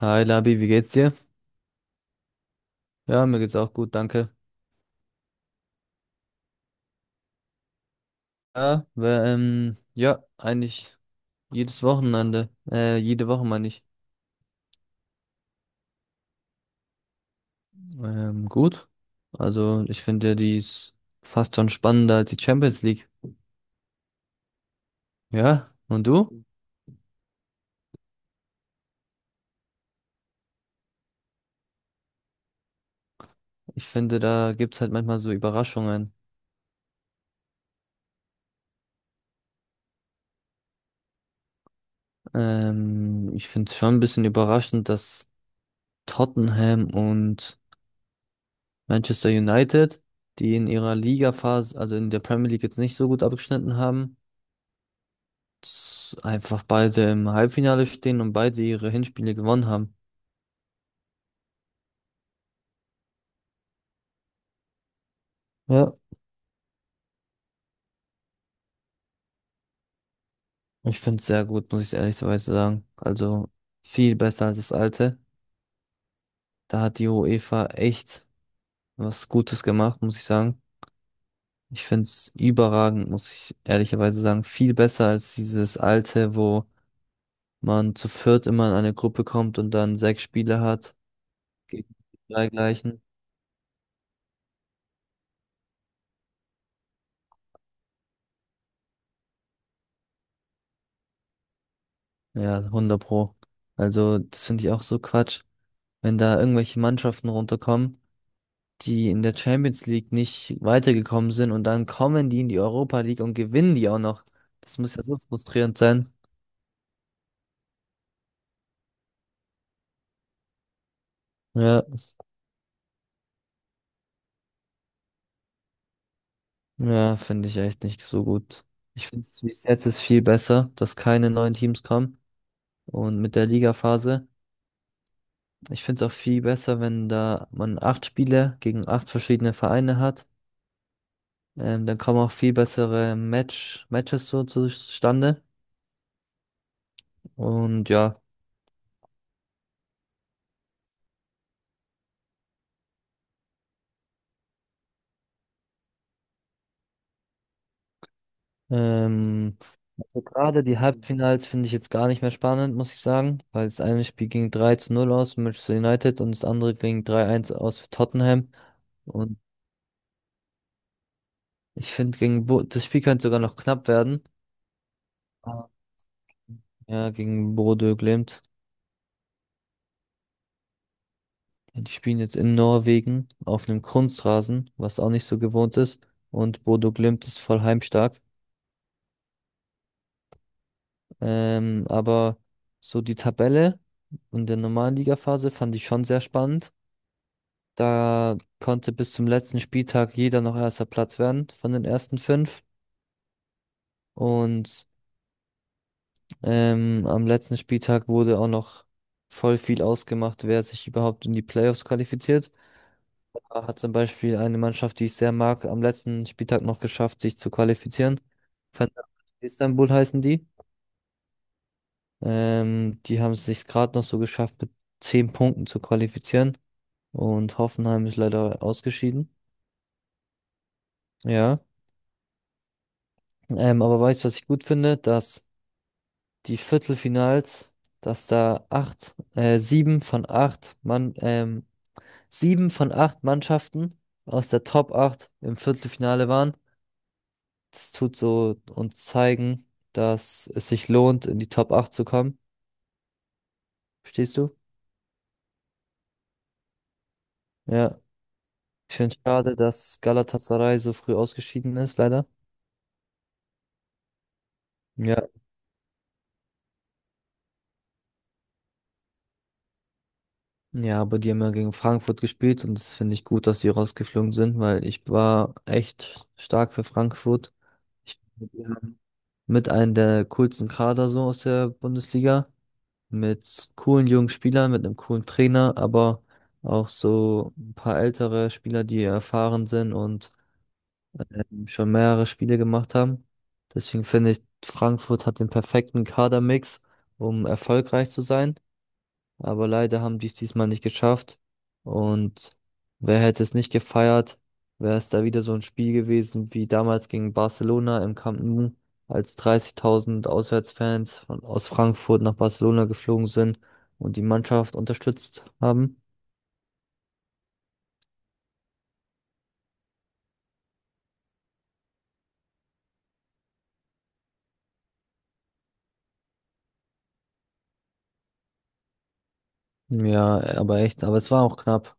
Hi Labi, wie geht's dir? Ja, mir geht's auch gut, danke. Ja, wir, ja, eigentlich jedes Wochenende, jede Woche meine ich. Gut. Also ich finde, ja, die ist fast schon spannender als die Champions League. Ja, und du? Ich finde, da gibt's halt manchmal so Überraschungen. Ich finde es schon ein bisschen überraschend, dass Tottenham und Manchester United, die in ihrer Ligaphase, also in der Premier League jetzt nicht so gut abgeschnitten haben, einfach beide im Halbfinale stehen und beide ihre Hinspiele gewonnen haben. Ja, ich finde es sehr gut, muss ich ehrlicherweise sagen. Also viel besser als das alte. Da hat die UEFA echt was Gutes gemacht, muss ich sagen. Ich finde es überragend, muss ich ehrlicherweise sagen. Viel besser als dieses alte, wo man zu viert immer in eine Gruppe kommt und dann sechs Spiele hat gegen die drei gleichen. Ja, hundert pro. Also das finde ich auch so Quatsch, wenn da irgendwelche Mannschaften runterkommen, die in der Champions League nicht weitergekommen sind und dann kommen die in die Europa League und gewinnen die auch noch. Das muss ja so frustrierend sein. Ja, ja, finde ich echt nicht so gut. Ich finde es, wie es jetzt ist, viel besser, dass keine neuen Teams kommen und mit der Ligaphase. Ich finde es auch viel besser, wenn da man acht Spiele gegen acht verschiedene Vereine hat. Dann kommen auch viel bessere Matches so zustande. Und ja, ähm, So gerade die Halbfinals finde ich jetzt gar nicht mehr spannend, muss ich sagen, weil das eine Spiel ging 3:0 aus für Manchester United und das andere ging 3:1 aus für Tottenham. Und ich finde, gegen Bo das Spiel könnte sogar noch knapp werden. Ah. Ja, gegen Bodø Glimt. Die spielen jetzt in Norwegen auf einem Kunstrasen, was auch nicht so gewohnt ist. Und Bodø Glimt ist voll heimstark. Aber so die Tabelle in der normalen Ligaphase fand ich schon sehr spannend. Da konnte bis zum letzten Spieltag jeder noch erster Platz werden von den ersten fünf. Und am letzten Spieltag wurde auch noch voll viel ausgemacht, wer sich überhaupt in die Playoffs qualifiziert. Da hat zum Beispiel eine Mannschaft, die ich sehr mag, am letzten Spieltag noch geschafft, sich zu qualifizieren. Fenerbahçe Istanbul heißen die. Die haben es sich gerade noch so geschafft, mit 10 Punkten zu qualifizieren. Und Hoffenheim ist leider ausgeschieden. Ja. Aber weißt du, was ich gut finde? Dass die Viertelfinals, dass da sieben von acht Mannschaften aus der Top 8 im Viertelfinale waren. Das tut so uns zeigen, dass es sich lohnt, in die Top 8 zu kommen. Verstehst du? Ja. Ich finde es schade, dass Galatasaray so früh ausgeschieden ist, leider. Ja. Ja, aber die haben ja gegen Frankfurt gespielt und das finde ich gut, dass sie rausgeflogen sind, weil ich war echt stark für Frankfurt. Ich, ja, mit einem der coolsten Kader so aus der Bundesliga, mit coolen jungen Spielern, mit einem coolen Trainer, aber auch so ein paar ältere Spieler, die erfahren sind und schon mehrere Spiele gemacht haben. Deswegen finde ich, Frankfurt hat den perfekten Kadermix, um erfolgreich zu sein, aber leider haben die es diesmal nicht geschafft. Und wer hätte es nicht gefeiert, wäre es da wieder so ein Spiel gewesen wie damals gegen Barcelona im Camp Nou, als 30.000 Auswärtsfans aus Frankfurt nach Barcelona geflogen sind und die Mannschaft unterstützt haben. Ja, aber echt, aber es war auch knapp.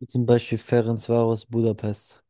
Wie zum Beispiel Ferencvaros Budapest.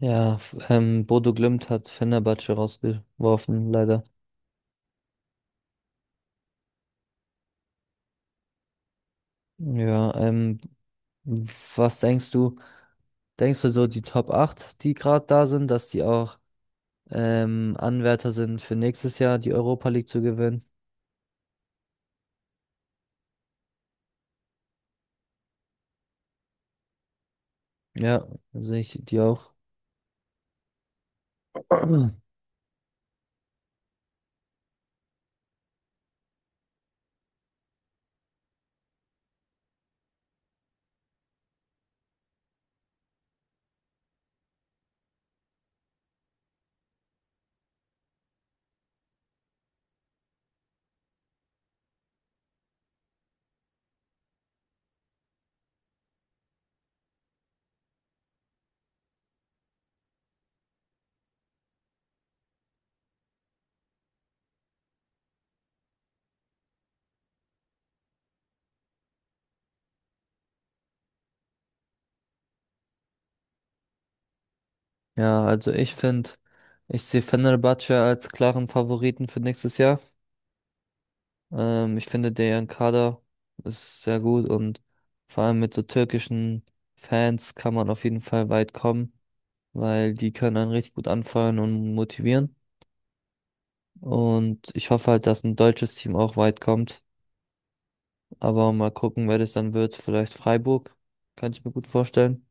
Ja, Bodo Glimt hat Fenerbahce rausgeworfen, leider. Ja, was denkst du? Denkst du so, die Top 8, die gerade da sind, dass die auch Anwärter sind für nächstes Jahr die Europa League zu gewinnen? Ja, sehe ich die auch. Ja, also ich finde, ich sehe Fenerbahce als klaren Favoriten für nächstes Jahr. Ich finde, deren Kader ist sehr gut und vor allem mit so türkischen Fans kann man auf jeden Fall weit kommen, weil die können einen richtig gut anfeuern und motivieren. Und ich hoffe halt, dass ein deutsches Team auch weit kommt. Aber mal gucken, wer das dann wird. Vielleicht Freiburg, kann ich mir gut vorstellen.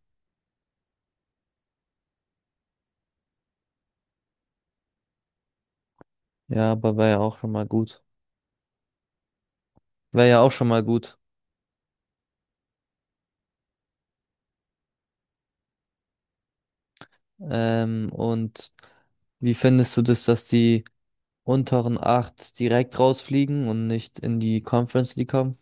Ja, aber wäre ja auch schon mal gut. Wäre ja auch schon mal gut. Und wie findest du das, dass die unteren acht direkt rausfliegen und nicht in die Conference League kommen?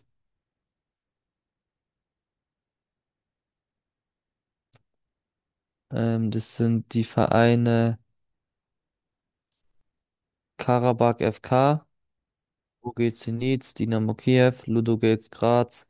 Das sind die Vereine Karabakh FK, UG Zenit, Dynamo Kiew, Ludogorets Graz.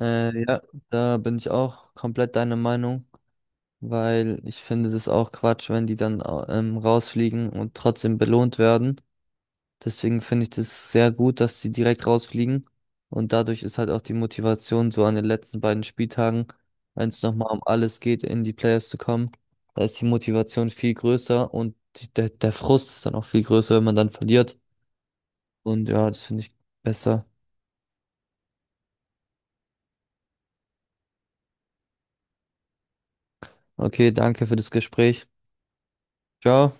Ja, da bin ich auch komplett deiner Meinung, weil ich finde, das ist auch Quatsch, wenn die dann rausfliegen und trotzdem belohnt werden. Deswegen finde ich das sehr gut, dass sie direkt rausfliegen. Und dadurch ist halt auch die Motivation, so an den letzten beiden Spieltagen, wenn es nochmal um alles geht, in die Playoffs zu kommen, da ist die Motivation viel größer und der Frust ist dann auch viel größer, wenn man dann verliert. Und ja, das finde ich besser. Okay, danke für das Gespräch. Ciao.